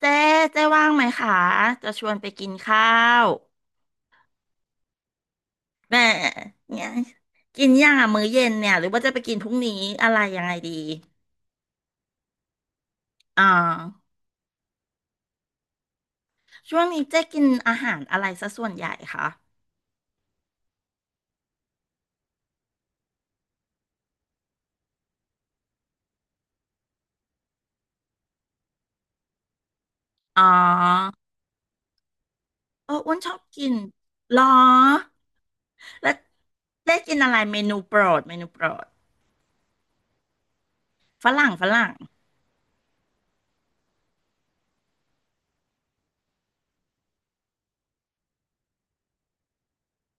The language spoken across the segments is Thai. เจ๊เจ๊ว่างไหมคะ จะชวนไปกินข้าวแหม่เนี่ยกินอย่างอะมื้อเย็นเนี่ยหรือว่าจะไปกินพรุ่งนี้อะไรยังไงดีอ่าช่วงนี้เจ๊กินอาหารอะไรซะส่วนใหญ่คะอ๋อเอออ้วนชอบกินหรอแล้วเจ๊กินอะไรเมนูโปรดเมนูโปรด ฝรั่งฝรั่ง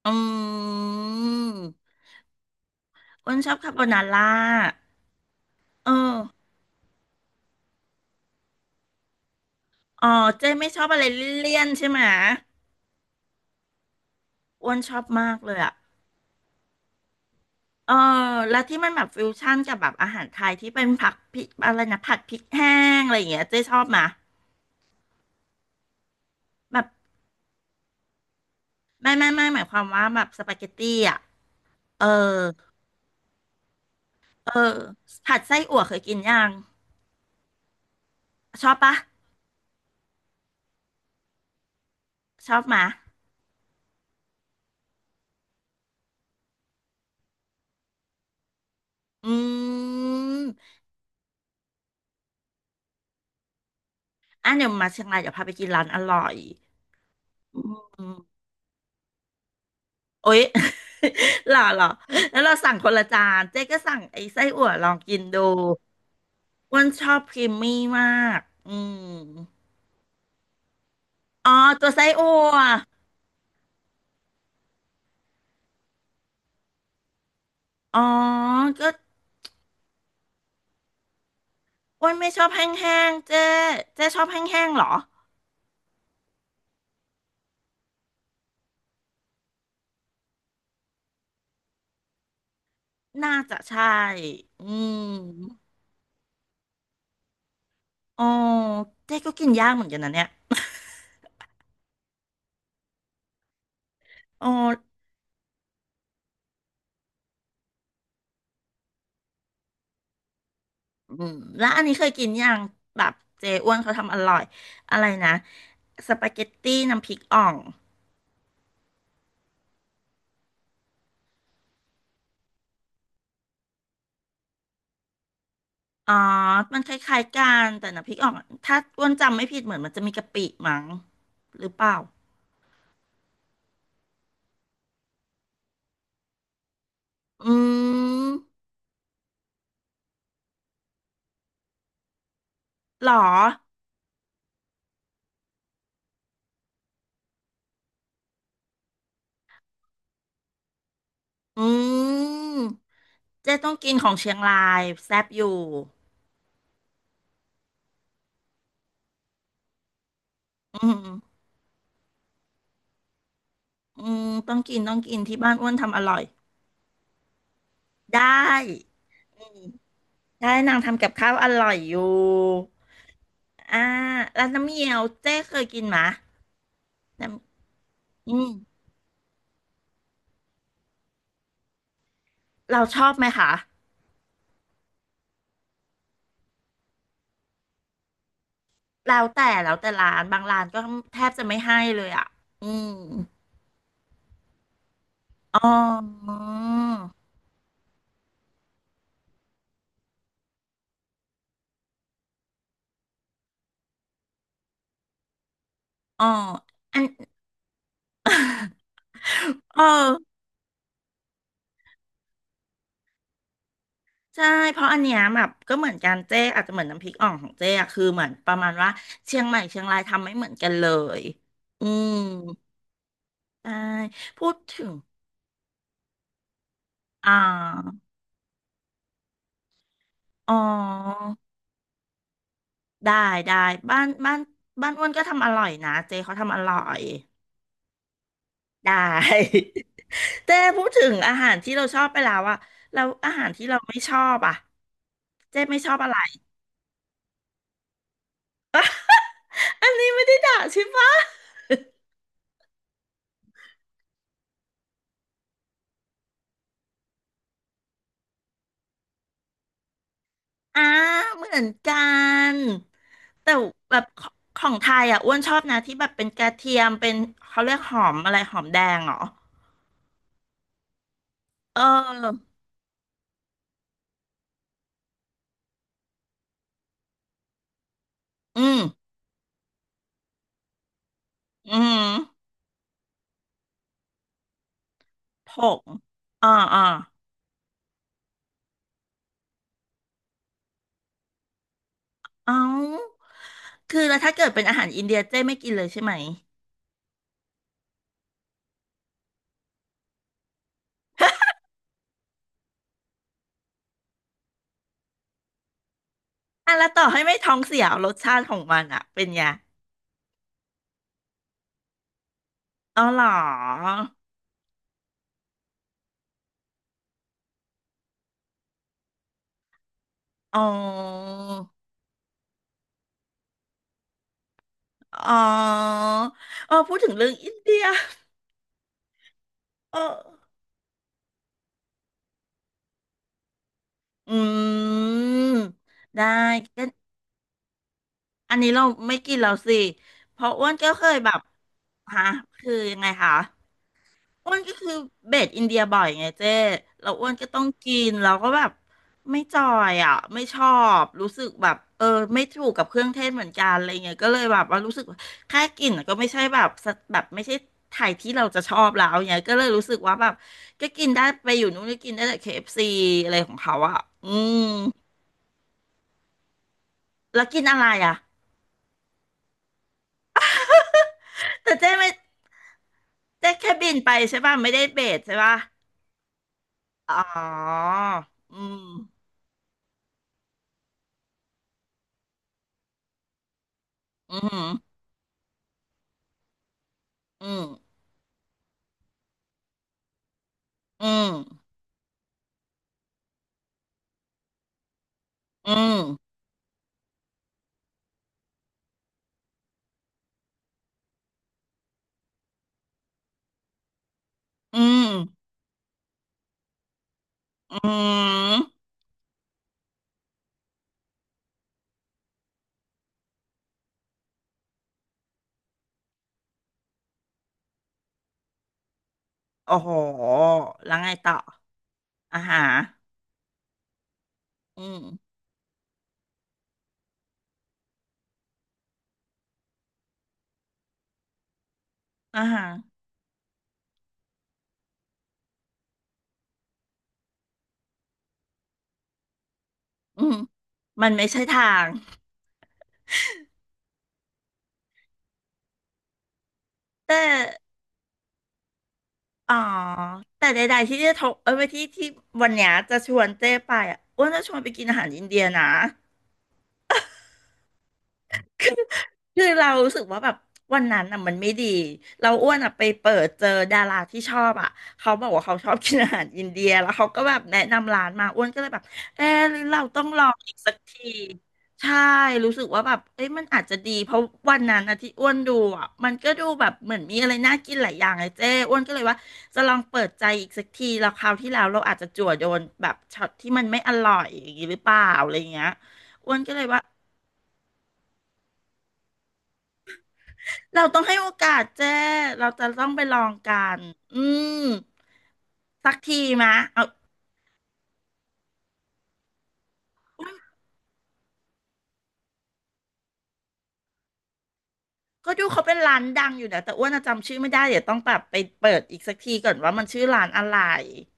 อืมอ้วนชอบคาโบนาร่าเอออ๋อเจ๊ไม่ชอบอะไรเลี่ยนๆใช่ไหมอ้วนชอบมากเลยอะ เออแล้วที่มันแบบฟิวชั่นกับแบบอาหารไทยที่เป็นผักพริกอะไรนะผัดพริกแห้งอะไรอย่างเงี้ยเจ๊ชอบมาแบบไม่หมายความว่าแบบสปาเกตตี้อ่ะเออเออผัดไส้อั่วเคยกินยังชอบปะชอบมาอืมอ่ะเดี๋ยวมาเชียงรายเดี๋ยวพาไปกินร้านอร่อยอืมโอ๊ย หล่อหล่อแล้วเราสั่งคนละจานเจ๊ก็สั่งไอ้ไส้อั่วลองกินดูอ้วันชอบครีมมี่มากอืม อ๋อตัวไส้อั่วอ๋อก็อ้วนไม่ชอบแห้งๆเจ๊เจ๊ชอบแห้งๆเหรอ น่าจะใช่ อืมอ๋อเจ๊ก็กินยากเหมือนกันนะเนี่ย โอ๋อืมแล้วอันนี้เคยกินยังแบบเจอ้วนเขาทำอร่อยอะไรนะสปาเกตตี้น้ำพริกอ่องอ๋อมันคล้ายๆกันแต่น้ำพริกอ่องอะถ้าอ้วนจำไม่ผิดเหมือนมันจะมีกะปิมั้งหรือเปล่าอืมหรออืม เจ๊ต้องกินของเชียงรายแซ่บอยู่อืมอืมต้องกินต้องกินที่บ้านอ้วนทำอร่อยได้ได้นางทำกับข้าวอร่อยอยู่อ่าแล้วน้ำเงี้ยวเจ๊เคยกินไหมน้ำอืมเราชอบไหมคะแล้วแต่แล้วแต่ร้านบางร้านก็แทบจะไม่ให้เลยอ่ะอืมอ๋ออ๋ออันเออ ใช่เพราะอันเนี้ยแบบก็เหมือนกันเจ๊อาจจะเหมือนน้ำพริกอ่องของเจ๊อะคือเหมือนประมาณว่าเชียงใหม่เชียงรายทำไม่เหมือนกันเลยอืมใช่พูดถึงอ่าอ๋อได้ได้บ้านบ้านบ้านอ้วนก็ทำอร่อยนะเจ๊เขาทำอร่อยได้ เจ๊พูดถึงอาหารที่เราชอบไปแล้วอะแล้วอาหารที่เราไม่ชอบอะเจ๊ไม่ชอบอะไร อันนี้ไม่ได้ด่าใช่ปะ อ่าเหมือนกันแต่แบบขของไทยอ่ะอ้วนชอบนะที่แบบเป็นกระเทียมเป็นเขาเรียกหอมอะไรหอมแดงเหรอเอออืมอืมผงอ่าอ่าเอ้าคือแล้วถ้าเกิดเป็นอาหารอินเดียเจ้ไม่กินเลยใช่ไหมอ่ะแล้วต่อให้ไม่ท้องเสียรสชาติของมันอ่ะเป็นไงอ๋อเหรออ๋ออ๋ออ๋อพูดถึงเรื่องอินเดียเอออืมได้ อันนี้เราไม่กินแล้วสิเพราะอ้วนก็เคยแบบฮะคือยังไงคะอ้วนก็คือเบสอินเดียบ่อยไงเจ้เราอ้วนก็ต้องกินเราก็แบบไม่จอยอ่ะไม่ชอบรู้สึกแบบเออไม่ถูกกับเครื่องเทศเหมือนกันอะไรเงี้ยก็เลยแบบว่ารู้สึกว่าแค่กลิ่นก็ไม่ใช่แบบสะแบบไม่ใช่ไทยที่เราจะชอบแล้วเนี้ยก็เลยรู้สึกว่าแบบก็กินได้ไปอยู่นู้นก็กินได้แต่ KFC อฟซีอะไรของเขาอ่ะอืมแล้วกินอะไรอ่ะ แต่เจ๊ไม่เจ๊แค่บินไปใช่ป่ะไม่ได้เบสใช่ป่ะอ๋ออืมอืมอืมอืมอืมอืมอืมโอ้โหแล้วไงต่ออาหารอืมอาหารอืมมันไม่ใช่ทางแต่อ๋อแต่ใดๆที่จะทกเอ้ยที่ที่วันเนี้ยจะชวนเจ๊ไปอ่ะอ้วนจะชวนไปกินอาหารอินเดียนะ คือเรารู้สึกว่าแบบวันนั้นอ่ะมันไม่ดีเราอ้วนอ่ะไปเปิดเจอดาราที่ชอบอ่ะเขาบอกว่าเขาชอบกินอาหารอินเดียแล้วเขาก็แบบแนะนำร้านมาอ้วนก็เลยแบบเออหรือเราต้องลองอีกสักทีใช่รู้สึกว่าแบบเอ้ยมันอาจจะดีเพราะวันนั้นอ่ะที่อ้วนดูอ่ะมันก็ดูแบบเหมือนมีอะไรน่ากินหลายอย่างเลยเจ้อ้วนก็เลยว่าจะลองเปิดใจอีกสักทีแล้วคราวที่แล้วเราอาจจะจั่วโดนแบบช็อตที่มันไม่อร่อยอย่างนี้หรือเปล่าอะไรอย่างเงี้ยอ้วนก็เลยว่า เราต้องให้โอกาสเจ้ เราจะต้องไปลองกัน อืมสักทีมะเอาก็ดูเขาเป็นร้านดังอยู่นะแต่อ้วนอะจำชื่อไม่ได้ เดี๋ยวต้องแบบไปเปิดอีกสักทีก่อนว่ามันชื่อร้านอะไร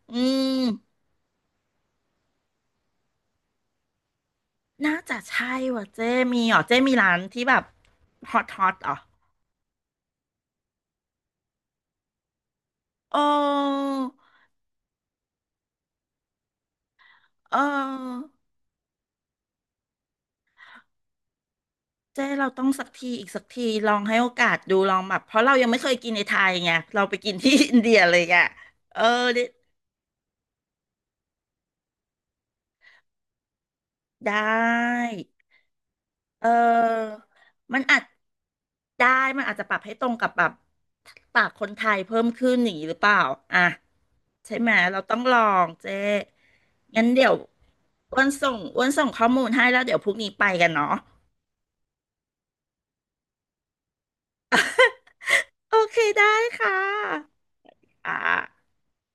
อืมน่าจะใช่ว่ะเจ้มีเหรอเจ้มีร้านที่แบบฮอตฮอตเหอโอ้เออเจ้เราต้องสักทีอีกสักทีลองให้โอกาสดูลองแบบเพราะเรายังไม่เคยกินในไทยไงเราไปกินที่อินเดียเลยอ่ะเออได้ได้ เออ มันอาจได้ มันอาจจะปรับให้ตรงกับแบบปากคนไทยเพิ่มขึ้นอย่างนี้หรือเปล่าอ่ะใช่ไหมเราต้องลองเจ๊งั้นเดี๋ยวอ้วนส่งข้อมูลให้แล้วเดี๋ยวพรุ่งนี้ไปกันเนาะโอเคได้ค่ะอ่า